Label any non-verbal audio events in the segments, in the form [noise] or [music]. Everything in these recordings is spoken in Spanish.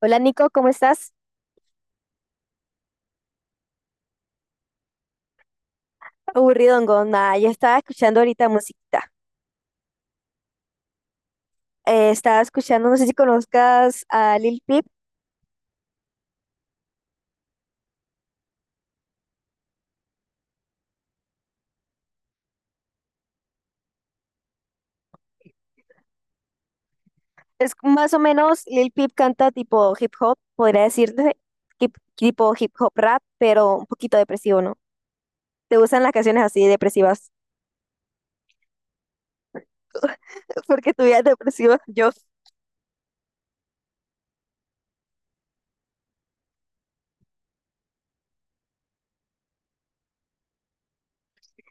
Hola Nico, ¿cómo estás? Aburridongo, nada, yo estaba escuchando ahorita musiquita. Estaba escuchando, no sé si conozcas a Lil Peep. Es más o menos, Lil Peep canta tipo hip hop, podría decirte, tipo hip hop rap, pero un poquito depresivo, ¿no? ¿Te gustan las canciones así depresivas? [laughs] Porque tu vida es depresiva. Yo,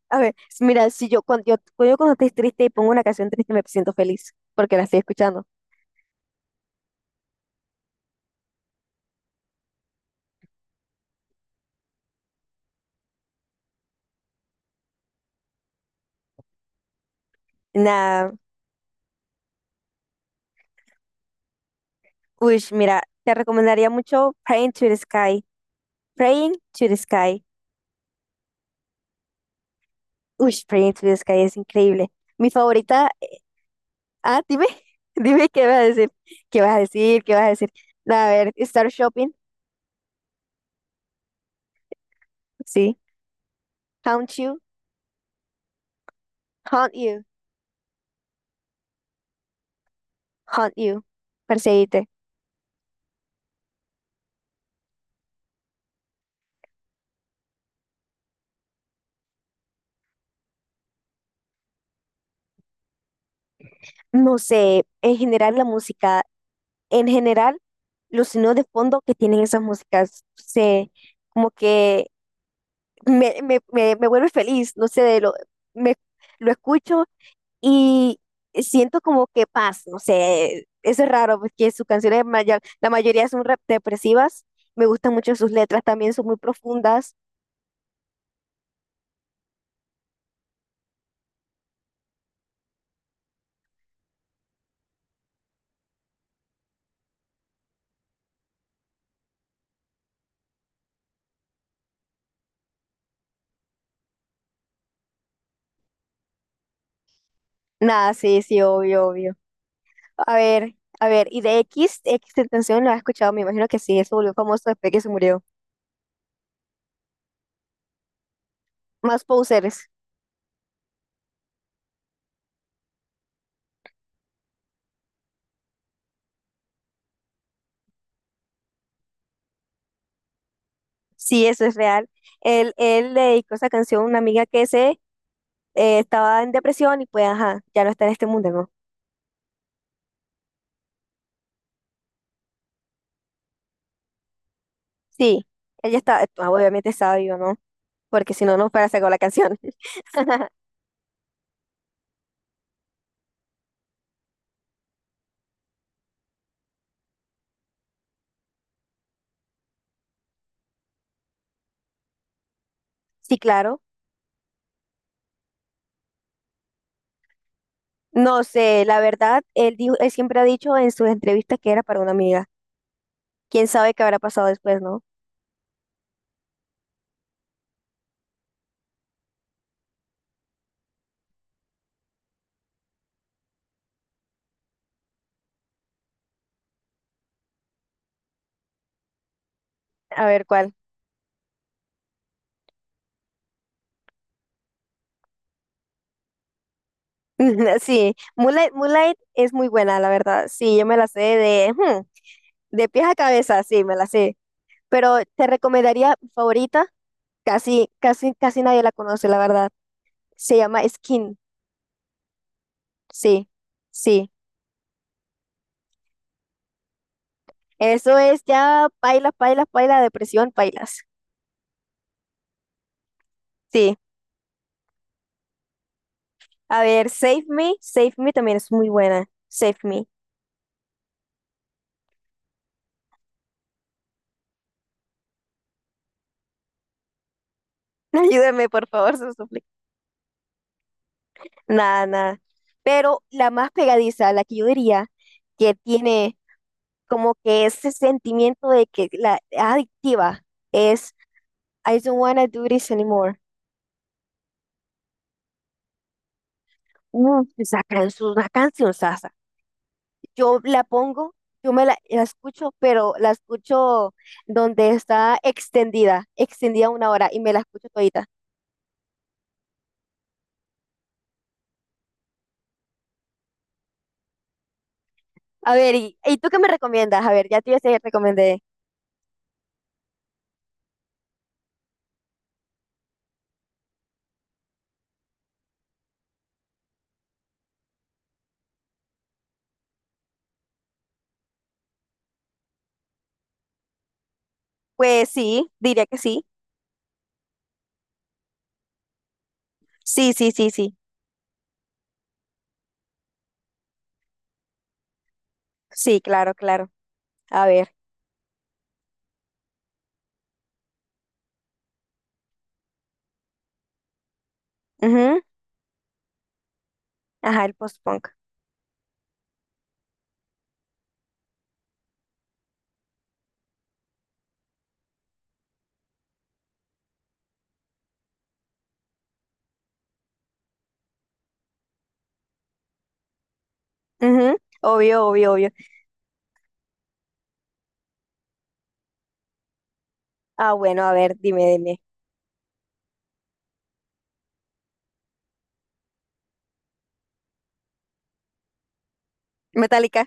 a ver, mira, si yo cuando, yo cuando estoy triste y pongo una canción triste me siento feliz, porque la estoy escuchando. Nada, uy, mira, te recomendaría mucho Praying to the Sky. Praying to the Sky. Uy, Prince of the Sky es increíble. Mi favorita. Ah, dime, [laughs] dime qué vas a decir. ¿Qué vas a decir? ¿Qué vas a decir? A ver, Star Shopping. Sí. Haunt You. Haunt You. Haunt You. Perseguite. No sé, en general la música, en general los sonidos de fondo que tienen esas músicas, no sé, como que me vuelve feliz, no sé, de lo, me, lo escucho y siento como que paz, no sé, eso es raro porque sus canciones, la mayoría son depresivas, me gustan mucho sus letras, también son muy profundas, nada, sí, sí, obvio, obvio. A ver, y de X Tentación lo has escuchado, me imagino que sí, eso volvió famoso después que se murió. Más Posers, sí, eso es real. Él le dedicó esa canción a una amiga que se estaba en depresión y pues, ajá, ya no está en este mundo, ¿no? Sí, ella está, ah, obviamente estaba viva, ¿no? Porque si no, no fuera a sacar la canción. [laughs] Sí, claro. No sé, la verdad, él siempre ha dicho en sus entrevistas que era para una amiga. ¿Quién sabe qué habrá pasado después, no? A ver cuál. [laughs] Sí, Moonlight, Moonlight es muy buena, la verdad. Sí, yo me la sé de, de pies a cabeza, sí, me la sé. Pero te recomendaría mi favorita, casi, casi, casi nadie la conoce, la verdad. Se llama Skin, sí, sí. Eso es ya pailas, pailas, pailas, depresión, pailas. Sí. A ver, Save Me, Save Me también es muy buena. Save Me. [laughs] Ayúdame, por favor, se lo suplico. Nada, nada. Pero la más pegadiza, la que yo diría que tiene como que ese sentimiento de que la es adictiva es I don't wanna do this anymore. Uf, esa canción, una canción sasa. Yo la pongo, la escucho, pero la escucho donde está extendida, extendida una hora y me la escucho todita. A ver, ¿y tú qué me recomiendas? A ver, ya te recomendé. Pues sí, diría que sí. Sí, sí, sí, sí. Sí, claro, claro. A ver. Ujú. Ajá, el post-punk. Ujú. Obvio, obvio, obvio. Ah, bueno, a ver, dime, dime. ¿Metallica?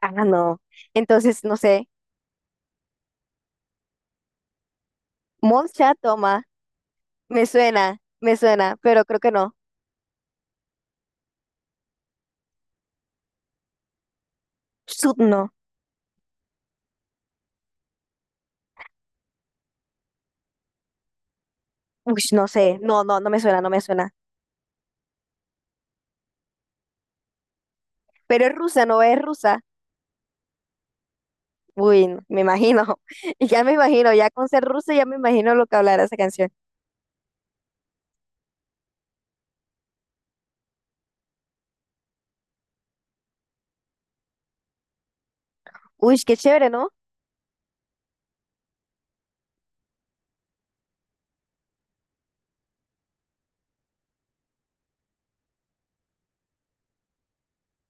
Ah, no. Entonces, no sé. Moncha, toma. Me suena, pero creo que no. Sud, no. Uy, no sé. No, no, no me suena, no me suena. Pero es rusa, ¿no es rusa? Uy, no, me imagino. [laughs] Ya me imagino, ya con ser rusa ya me imagino lo que hablará esa canción. Uy, qué chévere, ¿no?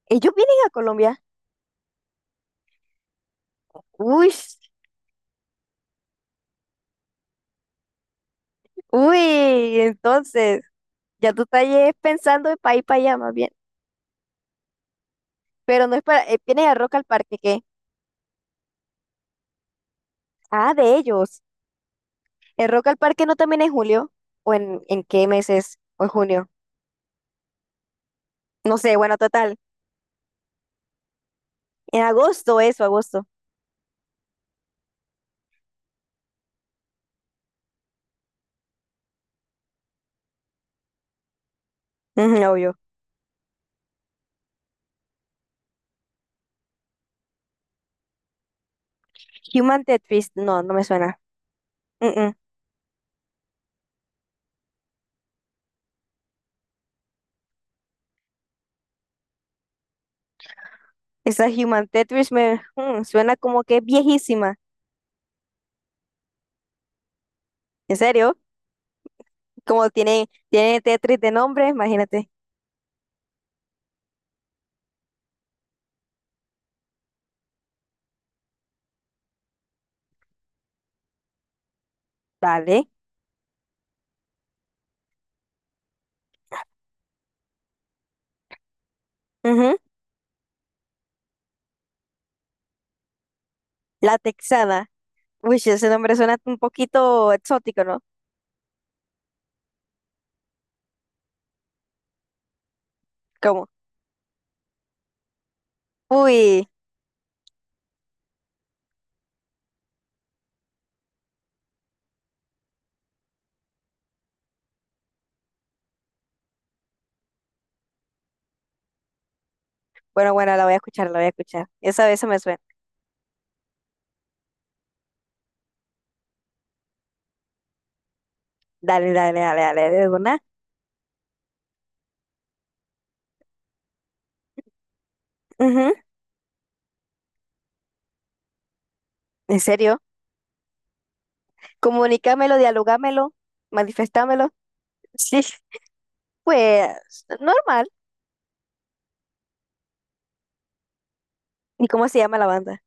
Ellos vienen a Colombia. Uy, uy, entonces, ya tú estás pensando de país para allá más bien. Pero no es para, vienes a Rock al Parque, ¿qué? Ah, de ellos. ¿El Rock al Parque no también en julio? ¿O en qué meses? ¿O en junio? No sé, bueno, total. En agosto, eso, agosto. Ujú, obvio. Human Tetris, no, no me suena. Mm, mm. Esa Human Tetris me suena como que es viejísima. ¿En serio? Como tiene, tiene Tetris de nombre, imagínate. Vale. Ujú. La texana. Uy, sí, ese nombre suena un poquito exótico, ¿no? ¿Cómo? Uy, bueno, bueno, la voy a escuchar, la voy a escuchar. Esa vez se me suena. Dale, dale, dale, dale, de una. Ujú. ¿En serio? Comunícamelo, dialogámelo, manifestámelo. Sí, pues, normal. ¿Y cómo se llama la banda?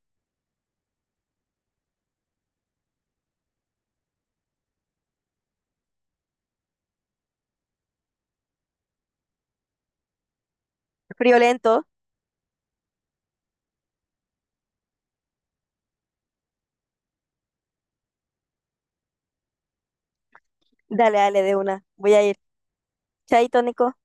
Friolento. Dale, dale, de una. Voy a ir. Chaito, Nico.